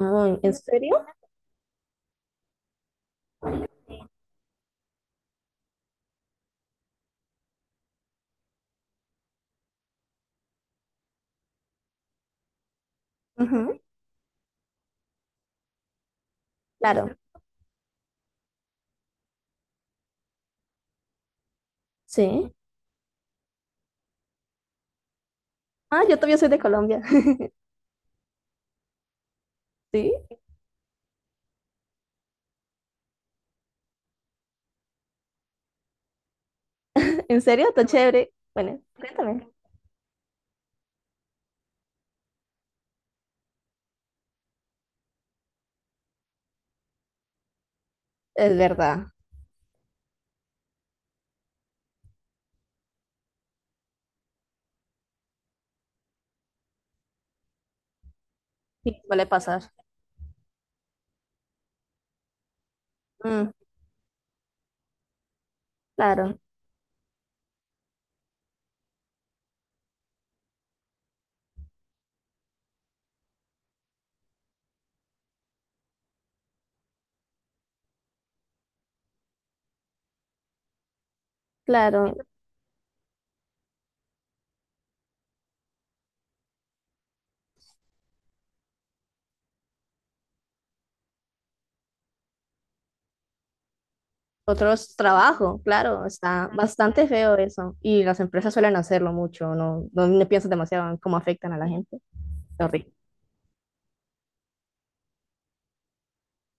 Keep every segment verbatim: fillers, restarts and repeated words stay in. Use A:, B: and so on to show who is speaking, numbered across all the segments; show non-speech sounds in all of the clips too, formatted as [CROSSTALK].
A: Ah, ¿en serio? Ujú, claro. Sí. Ah, yo todavía soy de Colombia. [LAUGHS] ¿Sí? [LAUGHS] ¿En serio? Está chévere. Bueno, cuéntame. Es verdad. Sí, suele pasar. Mm, claro, claro. Otros trabajo claro, está bastante feo eso. Y las empresas suelen hacerlo mucho, no, no, le piensas demasiado en cómo afectan a la gente. Horrible.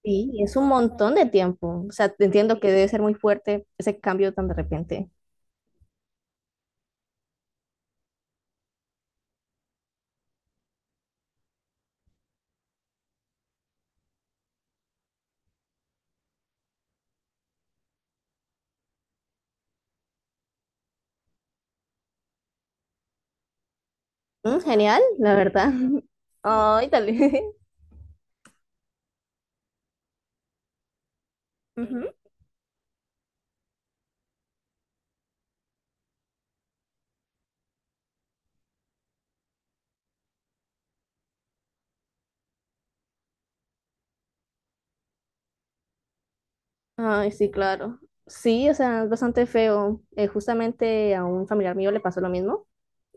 A: Sí, y es un montón de tiempo. O sea, te entiendo que debe ser muy fuerte ese cambio tan de repente. Mm, genial, la verdad. [LAUGHS] Ay, dale. [LAUGHS] Ujú. Ay, sí, claro. Sí, o sea, es bastante feo. Eh, justamente a un familiar mío le pasó lo mismo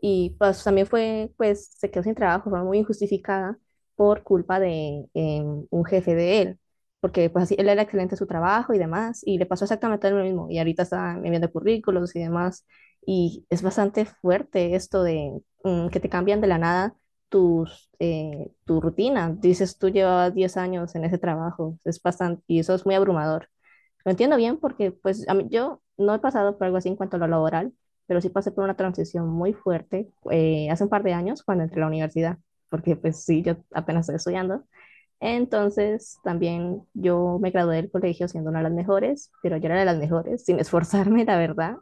A: y pues también fue, pues se quedó sin trabajo, fue muy injustificada por culpa de eh, un jefe de él, porque pues así, él era excelente en su trabajo y demás y le pasó exactamente lo mismo y ahorita está enviando currículos y demás y es bastante fuerte esto de mm, que te cambian de la nada tus, eh, tu rutina. Dices, tú llevabas diez años en ese trabajo, es bastante, y eso es muy abrumador. Lo entiendo bien porque pues a mí- yo no he pasado por algo así en cuanto a lo laboral, pero sí pasé por una transición muy fuerte eh, hace un par de años cuando entré a la universidad, porque pues sí, yo apenas estoy estudiando. Entonces también yo me gradué del colegio siendo una de las mejores, pero yo era de las mejores sin esforzarme, la verdad.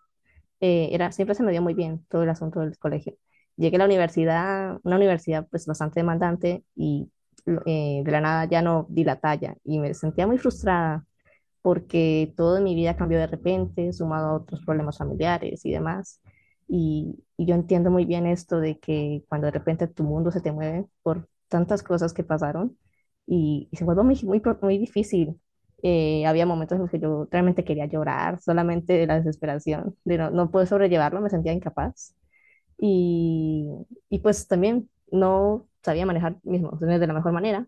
A: Eh, era, siempre se me dio muy bien todo el asunto del colegio. Llegué a la universidad, una universidad pues bastante demandante y lo- eh, de la nada ya no di la talla y me sentía muy frustrada porque todo en mi vida cambió de repente, sumado a otros problemas familiares y demás. Y, y yo entiendo muy bien esto de que cuando de repente tu mundo se te mueve por tantas cosas que pasaron y, y se vuelve muy, muy, pro- muy difícil. Eh, había momentos en los que yo realmente quería llorar, solamente de la desesperación, de no, no poder sobrellevarlo, me sentía incapaz. Y, y pues también no sabía manejar mis emociones de la mejor manera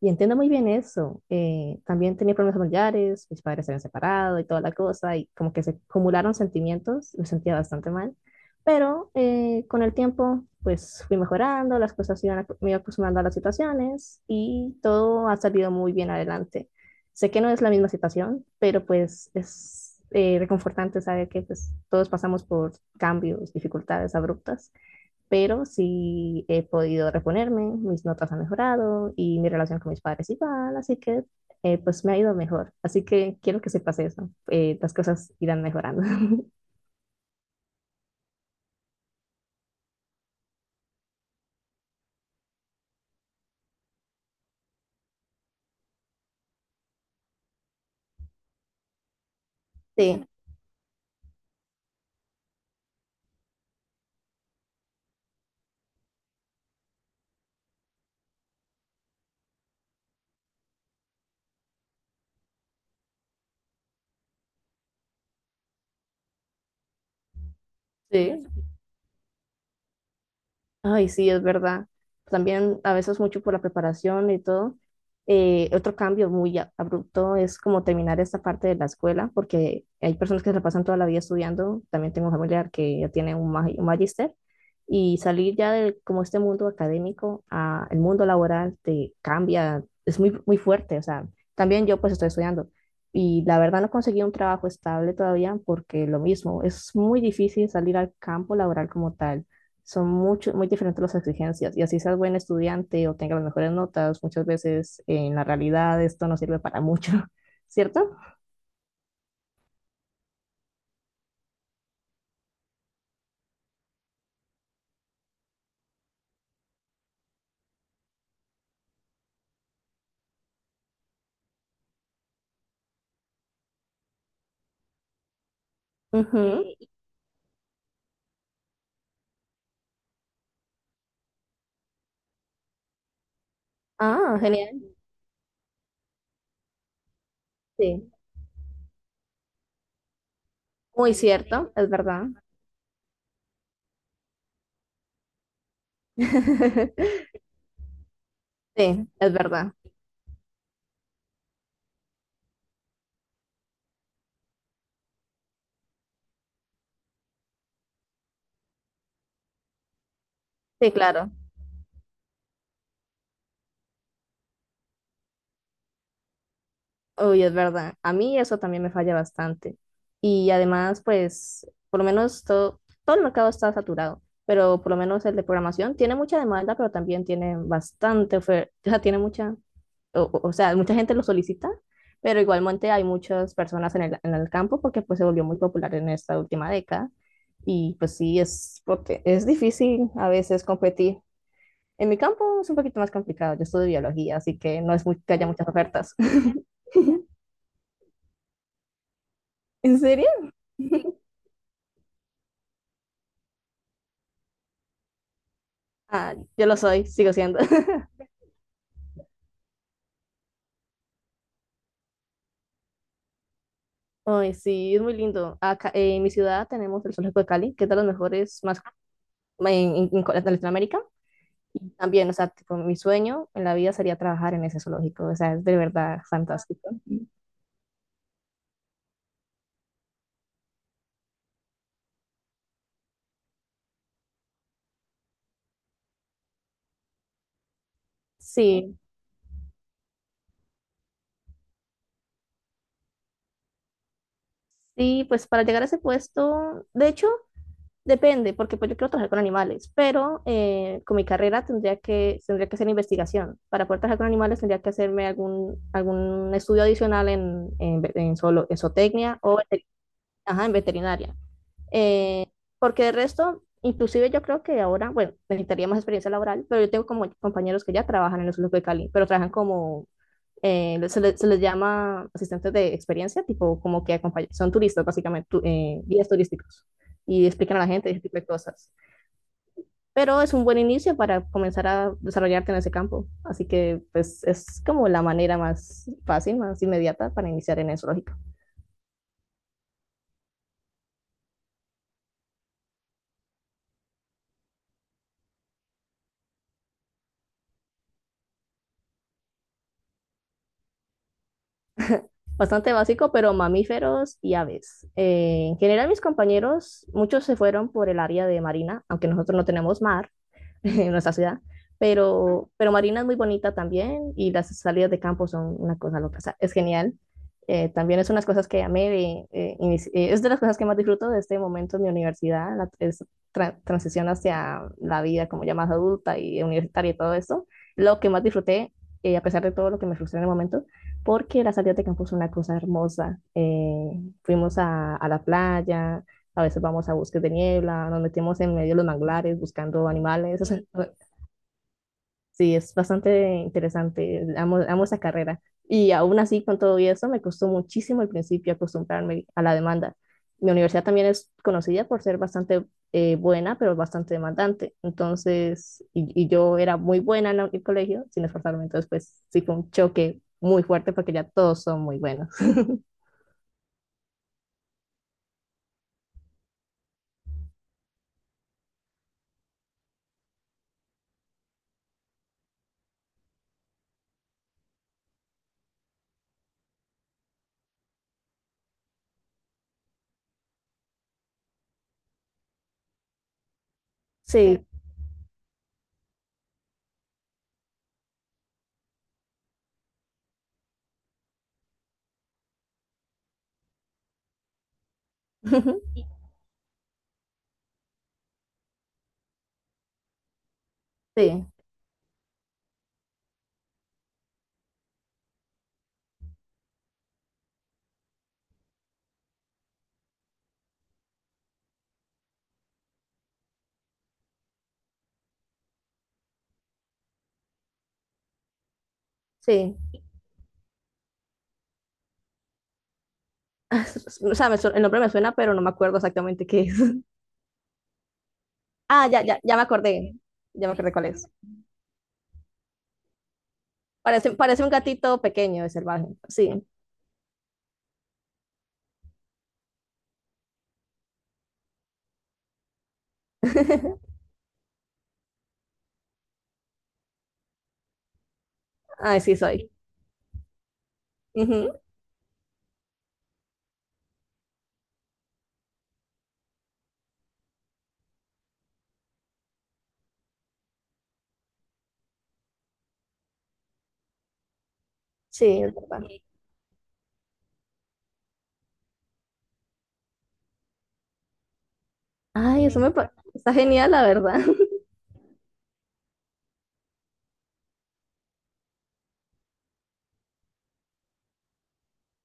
A: y entiendo muy bien eso. Eh, también tenía problemas familiares, mis padres se habían separado y toda la cosa, y como que se acumularon sentimientos, me sentía bastante mal. Pero eh, con el tiempo, pues fui mejorando, las cosas iban, ac- me iba acostumbrando a las situaciones y todo ha salido muy bien adelante. Sé que no es la misma situación, pero pues es eh, reconfortante saber que pues, todos pasamos por cambios, dificultades abruptas, pero sí he podido reponerme, mis notas han mejorado y mi relación con mis padres igual, así que eh, pues me ha ido mejor. Así que quiero que sepas eso, eh, las cosas irán mejorando. [LAUGHS] Sí, sí, ay, sí, es verdad. También a veces mucho por la preparación y todo. Eh, otro cambio muy a- abrupto es como terminar esta parte de la escuela, porque hay personas que se la pasan toda la vida estudiando. También tengo un familiar que ya tiene un, ma- un magíster y salir ya de como este mundo académico a el mundo laboral te cambia, es muy, muy fuerte. O sea, también yo pues estoy estudiando y la verdad no conseguí un trabajo estable todavía porque lo mismo, es muy difícil salir al campo laboral como tal, son mucho, muy diferentes las exigencias. Y así seas buen estudiante o tengas las mejores notas, muchas veces eh, en la realidad esto no sirve para mucho, [LAUGHS] ¿cierto? Ujú. Sí, ah, genial. Sí, muy cierto, es verdad. [LAUGHS] Sí, es verdad. Sí, claro. Uy, es verdad. A mí eso también me falla bastante. Y además, pues, por lo menos todo, todo el mercado está saturado, pero por lo menos el de programación tiene mucha demanda, pero también tiene bastante oferta, [LAUGHS] tiene mucha, o, o sea, mucha gente lo solicita, pero igualmente hay muchas personas en el, en el campo porque pues se volvió muy popular en esta última década y pues sí, es porque es difícil a veces competir. En mi campo es un poquito más complicado, yo estudio biología, así que no es muy, que haya muchas ofertas. [LAUGHS] ¿En serio? Ah, yo lo soy, sigo siendo. [LAUGHS] Ay, sí, es muy lindo. Acá, eh, en mi ciudad tenemos el Zoológico de Cali, que es de los mejores más en, en- en Latinoamérica. Y también, o sea, tipo, mi sueño en la vida sería trabajar en ese zoológico, o sea, es de verdad fantástico. Sí, sí, pues para llegar a ese puesto, de hecho, depende, porque pues yo quiero trabajar con animales, pero eh, con mi carrera tendría que, tendría que hacer investigación. Para poder trabajar con animales tendría que hacerme algún, algún estudio adicional en, en, ve- en, zoolo- en zootecnia o veter- ajá, en veterinaria. Eh, Porque de resto, inclusive yo creo que ahora, bueno, necesitaría más experiencia laboral, pero yo tengo como compañeros que ya trabajan en el sur de Cali, pero trabajan como, eh, se, le- se les llama asistentes de experiencia, tipo como que acompañ- son turistas, básicamente, tu- eh, guías turísticos, y explican a la gente ese tipo de cosas. Pero es un buen inicio para comenzar a desarrollarte en ese campo, así que pues es como la manera más fácil, más inmediata para iniciar en el zoológico. Bastante básico, pero mamíferos y aves. Eh, en general, mis compañeros, muchos se fueron por el área de marina, aunque nosotros no tenemos mar. [LAUGHS] En nuestra ciudad. Pero, pero Marina es muy bonita también y las salidas de campo son una cosa loca. O sea, es genial. Eh, también es unas cosas que amé de, eh, inici- eh, es de las cosas que más disfruto de este momento en mi universidad, la es tra- transición hacia la vida como ya más adulta y universitaria y todo esto. Lo que más disfruté, eh, a pesar de todo lo que me frustró en el momento, porque las salidas de campo son una cosa hermosa. Eh, fuimos a, a la playa, a veces vamos a bosques de niebla, nos metemos en medio de los manglares buscando animales. O sea, [LAUGHS] sí, es bastante interesante, amo, amo esa carrera. Y aún así, con todo y eso, me costó muchísimo al principio acostumbrarme a la demanda. Mi universidad también es conocida por ser bastante eh, buena, pero bastante demandante. Entonces, y, y, yo era muy buena en la- el colegio, sin esforzarme. Entonces, pues sí fue un choque muy fuerte porque ya todos son muy buenos. Sí, [LAUGHS] sí, sí. [LAUGHS] O sea, me su- el nombre me suena, pero no me acuerdo exactamente qué es. [LAUGHS] Ah, ya, ya, ya me acordé. Ya me acordé cuál es. Parece, parece un gatito pequeño de salvaje. Sí. [LAUGHS] Ay, sí soy. Ujú. Sí, es verdad. Ay, eso me pa- está genial, la verdad. [LAUGHS]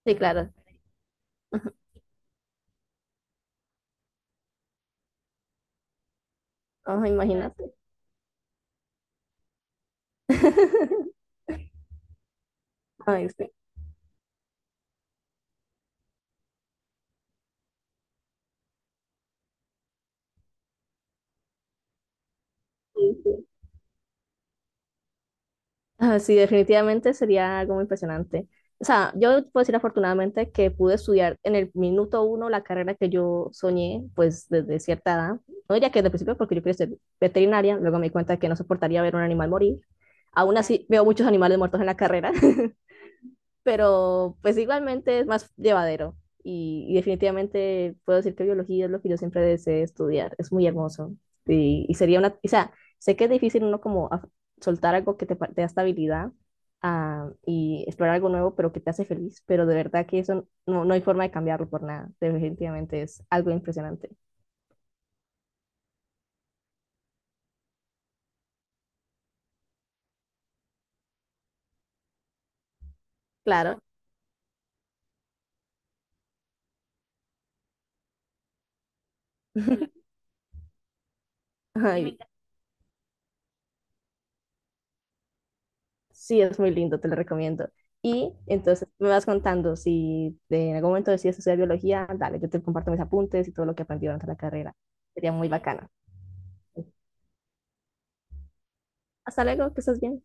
A: Sí, claro. Ay, imagínate. [LAUGHS] Ay, sí. Sí, sí. Ah, sí, definitivamente sería algo muy impresionante. O sea, yo puedo decir afortunadamente que pude estudiar en el minuto uno la carrera que yo soñé, pues desde cierta edad. No diría que desde el principio, porque yo quería ser veterinaria, luego me di cuenta que no soportaría ver un animal morir. Aún, claro, así, veo muchos animales muertos en la carrera. [LAUGHS] Pero pues igualmente es más llevadero y, y definitivamente puedo decir que biología es lo que yo siempre deseé estudiar, es muy hermoso y, y sería una, o sea, sé que es difícil uno como a- soltar algo que te, pa- te da estabilidad, ah, y explorar algo nuevo, pero que te hace feliz, pero de verdad que eso no, no hay forma de cambiarlo por nada, definitivamente es algo impresionante. Claro. [LAUGHS] Ay, sí, es muy lindo, te lo recomiendo. Y entonces me vas contando si de- en algún momento decides estudiar biología, dale, yo te comparto mis apuntes y todo lo que aprendí durante la carrera. Sería muy bacana. Hasta luego, que estés bien.